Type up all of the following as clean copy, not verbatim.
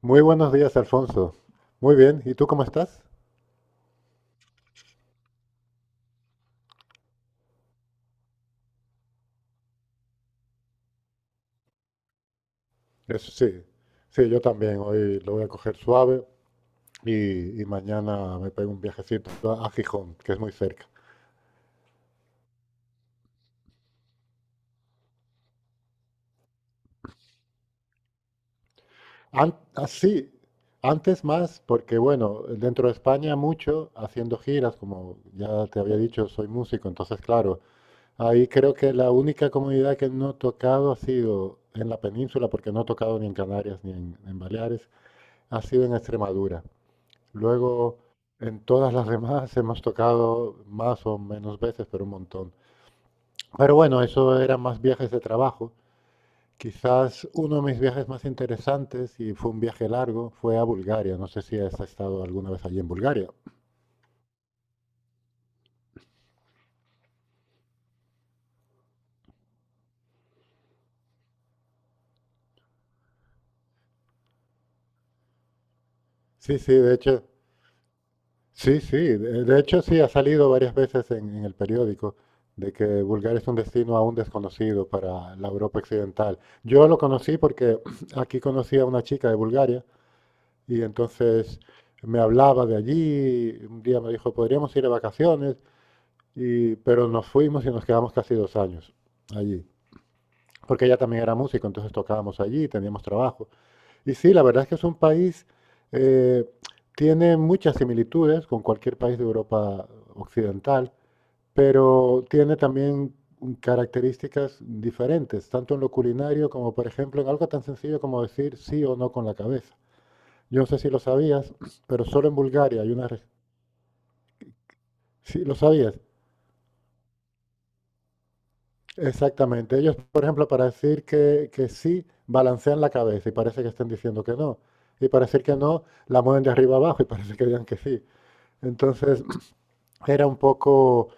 Muy buenos días, Alfonso. Muy bien, ¿y tú cómo estás? Eso sí, sí, yo también. Hoy lo voy a coger suave y mañana me pego un viajecito a Gijón, que es muy cerca. Así, antes más, porque bueno, dentro de España mucho, haciendo giras, como ya te había dicho, soy músico, entonces claro, ahí creo que la única comunidad que no he tocado ha sido en la península, porque no he tocado ni en Canarias ni en Baleares, ha sido en Extremadura. Luego, en todas las demás hemos tocado más o menos veces, pero un montón. Pero bueno, eso eran más viajes de trabajo. Quizás uno de mis viajes más interesantes, y fue un viaje largo, fue a Bulgaria. No sé si has estado alguna vez allí en Bulgaria. Sí, sí, de hecho, sí, sí. De hecho, sí, ha salido varias veces en el periódico de que Bulgaria es un destino aún desconocido para la Europa occidental. Yo lo conocí porque aquí conocí a una chica de Bulgaria. Y entonces me hablaba de allí, y un día me dijo, podríamos ir de vacaciones, pero nos fuimos y nos quedamos casi 2 años allí, porque ella también era músico, entonces tocábamos allí, teníamos trabajo. Y sí, la verdad es que es un país, eh, tiene muchas similitudes con cualquier país de Europa occidental, pero tiene también características diferentes, tanto en lo culinario como, por ejemplo, en algo tan sencillo como decir sí o no con la cabeza. Yo no sé si lo sabías, pero solo en Bulgaria hay una— Sí, lo sabías. Exactamente. Ellos, por ejemplo, para decir que sí, balancean la cabeza y parece que estén diciendo que no. Y para decir que no, la mueven de arriba abajo y parece que digan que sí. Entonces, era un poco,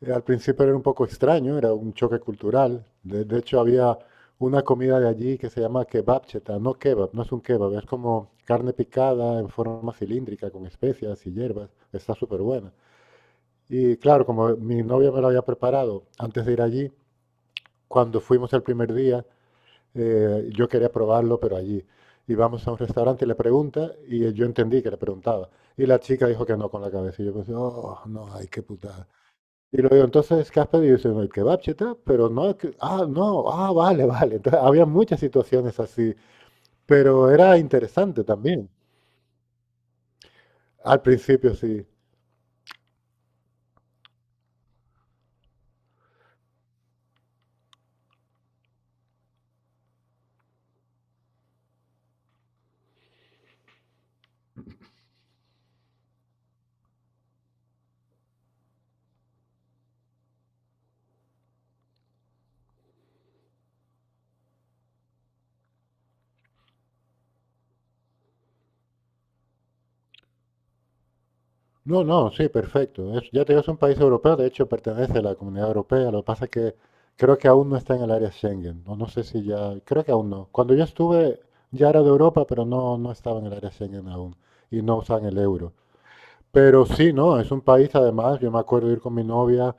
al principio era un poco extraño, era un choque cultural. De hecho, había una comida de allí que se llama kebabcheta, no kebab, no es un kebab, es como carne picada en forma cilíndrica con especias y hierbas. Está súper buena. Y claro, como mi novia me lo había preparado antes de ir allí, cuando fuimos el primer día, yo quería probarlo, pero allí. Y vamos a un restaurante y le pregunta, y yo entendí que le preguntaba. Y la chica dijo que no con la cabeza. Y yo pensé, oh, no, ay, qué putada. Y luego digo, entonces, ¿qué has pedido? Y dice, "No, el kebab, cheta, pero no, ah, no, ah, vale, vale." Entonces, había muchas situaciones así, pero era interesante también. Al principio sí. No, no, sí, perfecto. Ya te digo, es un país europeo, de hecho pertenece a la Comunidad Europea. Lo que pasa es que creo que aún no está en el área Schengen. No, no sé si ya, creo que aún no. Cuando yo estuve ya era de Europa, pero no, no estaba en el área Schengen aún y no usaban el euro. Pero sí, ¿no? Es un país, además, yo me acuerdo ir con mi novia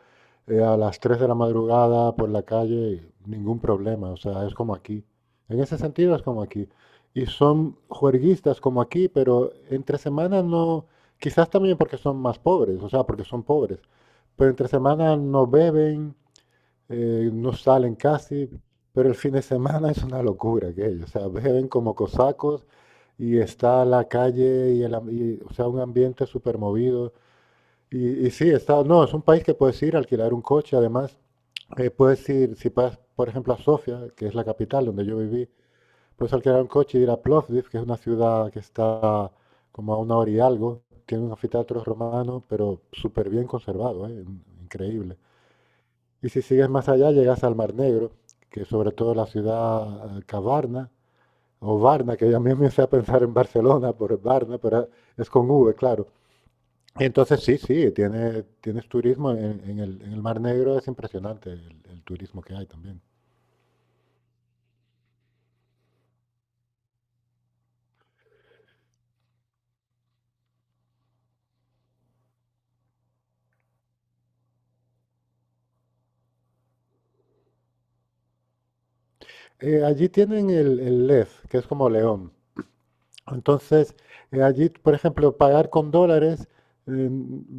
a las 3 de la madrugada por la calle y ningún problema, o sea, es como aquí. En ese sentido es como aquí. Y son juerguistas como aquí, pero entre semanas no, quizás también porque son más pobres, o sea, porque son pobres, pero entre semanas no beben, no salen casi, pero el fin de semana es una locura aquello. O sea, beben como cosacos y está la calle y, o sea, un ambiente súper movido. Y sí, no, es un país que puedes ir a alquilar un coche, además. Puedes ir, si vas, por ejemplo, a Sofía, que es la capital donde yo viví, puedes alquilar un coche y ir a Plovdiv, que es una ciudad que está como a una hora y algo. Tiene un anfiteatro romano, pero súper bien conservado, ¿eh? Increíble. Y si sigues más allá, llegas al Mar Negro, que sobre todo la ciudad Cavarna, o Varna, que ya me empecé a pensar en Barcelona por Varna, pero es con V, claro. Entonces sí, sí, tienes turismo en el Mar Negro, es impresionante el turismo que hay también. Allí tienen el Lez, que es como León. Entonces, allí, por ejemplo, pagar con dólares, eh,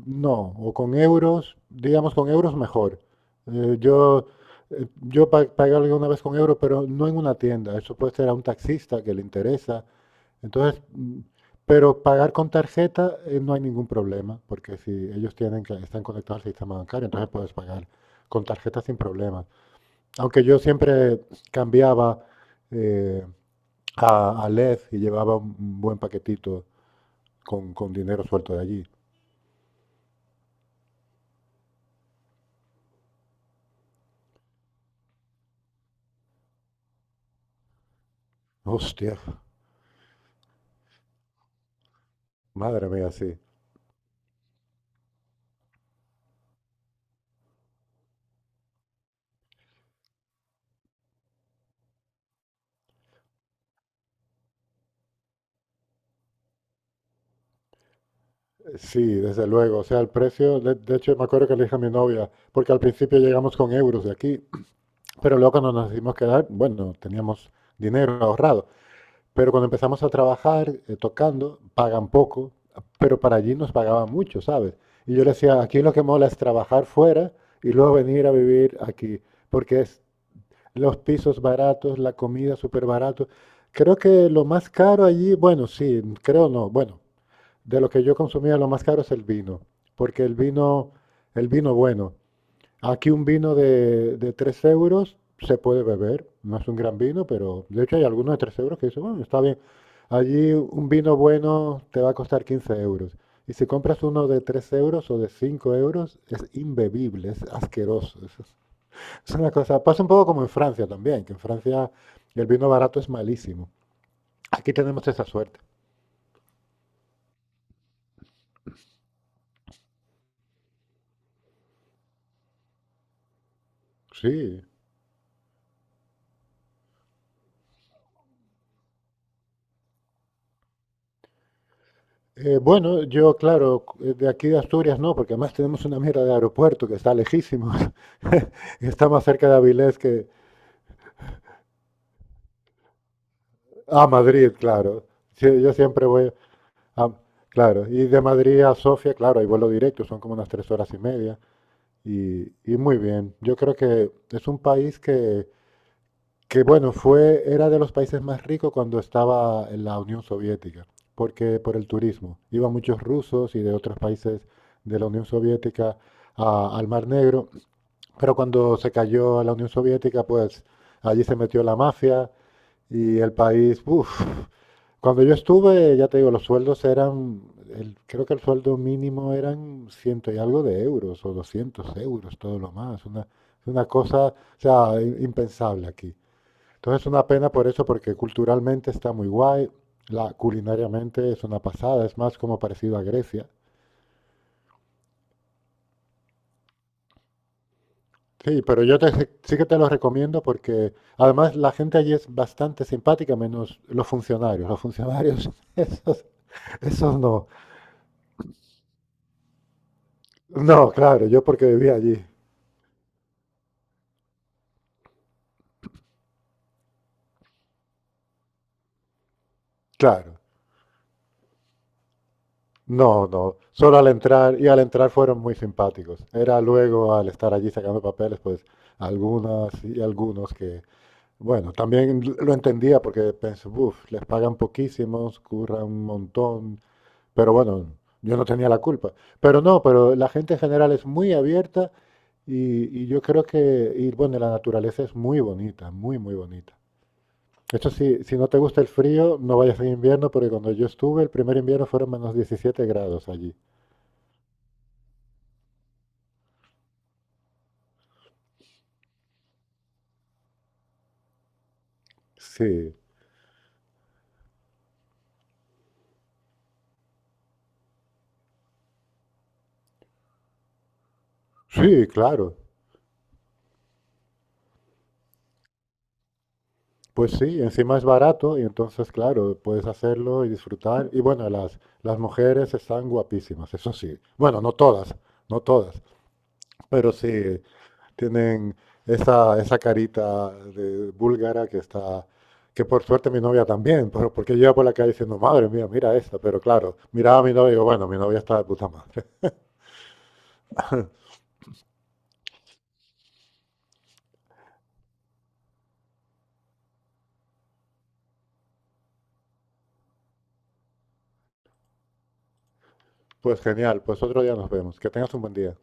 no, o con euros, digamos con euros mejor. Eh, yo yo pagué alguna vez con euros, pero no en una tienda. Eso puede ser a un taxista que le interesa. Entonces, pero pagar con tarjeta no hay ningún problema, porque si ellos tienen que están conectados al sistema bancario, entonces puedes pagar con tarjeta sin problemas. Aunque yo siempre cambiaba. eh, a Lez y llevaba un buen paquetito con dinero suelto de allí. Hostia, madre mía, sí. Sí, desde luego. O sea, el precio, de hecho, me acuerdo que le dije a mi novia, porque al principio llegamos con euros de aquí, pero luego cuando nos decidimos quedar, bueno, teníamos dinero ahorrado. Pero cuando empezamos a trabajar tocando, pagan poco, pero para allí nos pagaban mucho, ¿sabes? Y yo le decía, aquí lo que mola es trabajar fuera y luego venir a vivir aquí, porque es los pisos baratos, la comida súper barato. Creo que lo más caro allí, bueno, sí, creo no. Bueno, de lo que yo consumía, lo más caro es el vino, porque el vino bueno. Aquí un vino de 3 euros se puede beber, no es un gran vino, pero de hecho hay algunos de 3 euros que dicen, bueno, está bien. Allí un vino bueno te va a costar 15 euros. Y si compras uno de 3 euros o de 5 euros, es imbebible, es asqueroso. Es una cosa, pasa un poco como en Francia también, que en Francia el vino barato es malísimo. Aquí tenemos esa suerte. Sí. Bueno, yo, claro, de aquí de Asturias no, porque además tenemos una mierda de aeropuerto que está lejísimo. Está más cerca de Avilés que a Madrid, claro. Sí, yo siempre voy a, claro, y de Madrid a Sofía, claro, hay vuelo directo, son como unas 3 horas y media. Y muy bien, yo creo que es un país que, que bueno, era de los países más ricos cuando estaba en la Unión Soviética, porque por el turismo. Iban muchos rusos y de otros países de la Unión Soviética al Mar Negro, pero cuando se cayó la Unión Soviética, pues allí se metió la mafia y el país, uff, cuando yo estuve, ya te digo, los sueldos eran, creo que el sueldo mínimo eran ciento y algo de euros o 200 euros, todo lo más, una cosa, o sea, impensable aquí. Entonces es una pena por eso, porque culturalmente está muy guay, culinariamente es una pasada, es más como parecido a Grecia. Sí, pero yo sí que te lo recomiendo porque además la gente allí es bastante simpática, menos los funcionarios. Los funcionarios, esos, esos no. No, claro, yo porque vivía allí. Claro. No, no. Solo al entrar, y al entrar fueron muy simpáticos. Era luego al estar allí sacando papeles, pues algunas y algunos bueno, también lo entendía porque pensé, uff, les pagan poquísimos, curran un montón, pero bueno, yo no tenía la culpa. Pero no, pero la gente en general es muy abierta y yo creo que, y bueno, la naturaleza es muy bonita, muy, muy bonita. Esto sí, si no te gusta el frío, no vayas en invierno porque cuando yo estuve, el primer invierno fueron menos 17 grados allí. Sí, sí, claro. Pues sí, encima es barato y entonces, claro, puedes hacerlo y disfrutar. Y bueno, las mujeres están guapísimas, eso sí. Bueno, no todas, no todas, pero sí tienen esa carita de búlgara que por suerte mi novia también, pero porque yo iba por la calle diciendo, madre mía, mira esta, pero claro, miraba a mi novia y digo, bueno, mi novia está de puta madre. Pues genial, pues otro día nos vemos. Que tengas un buen día.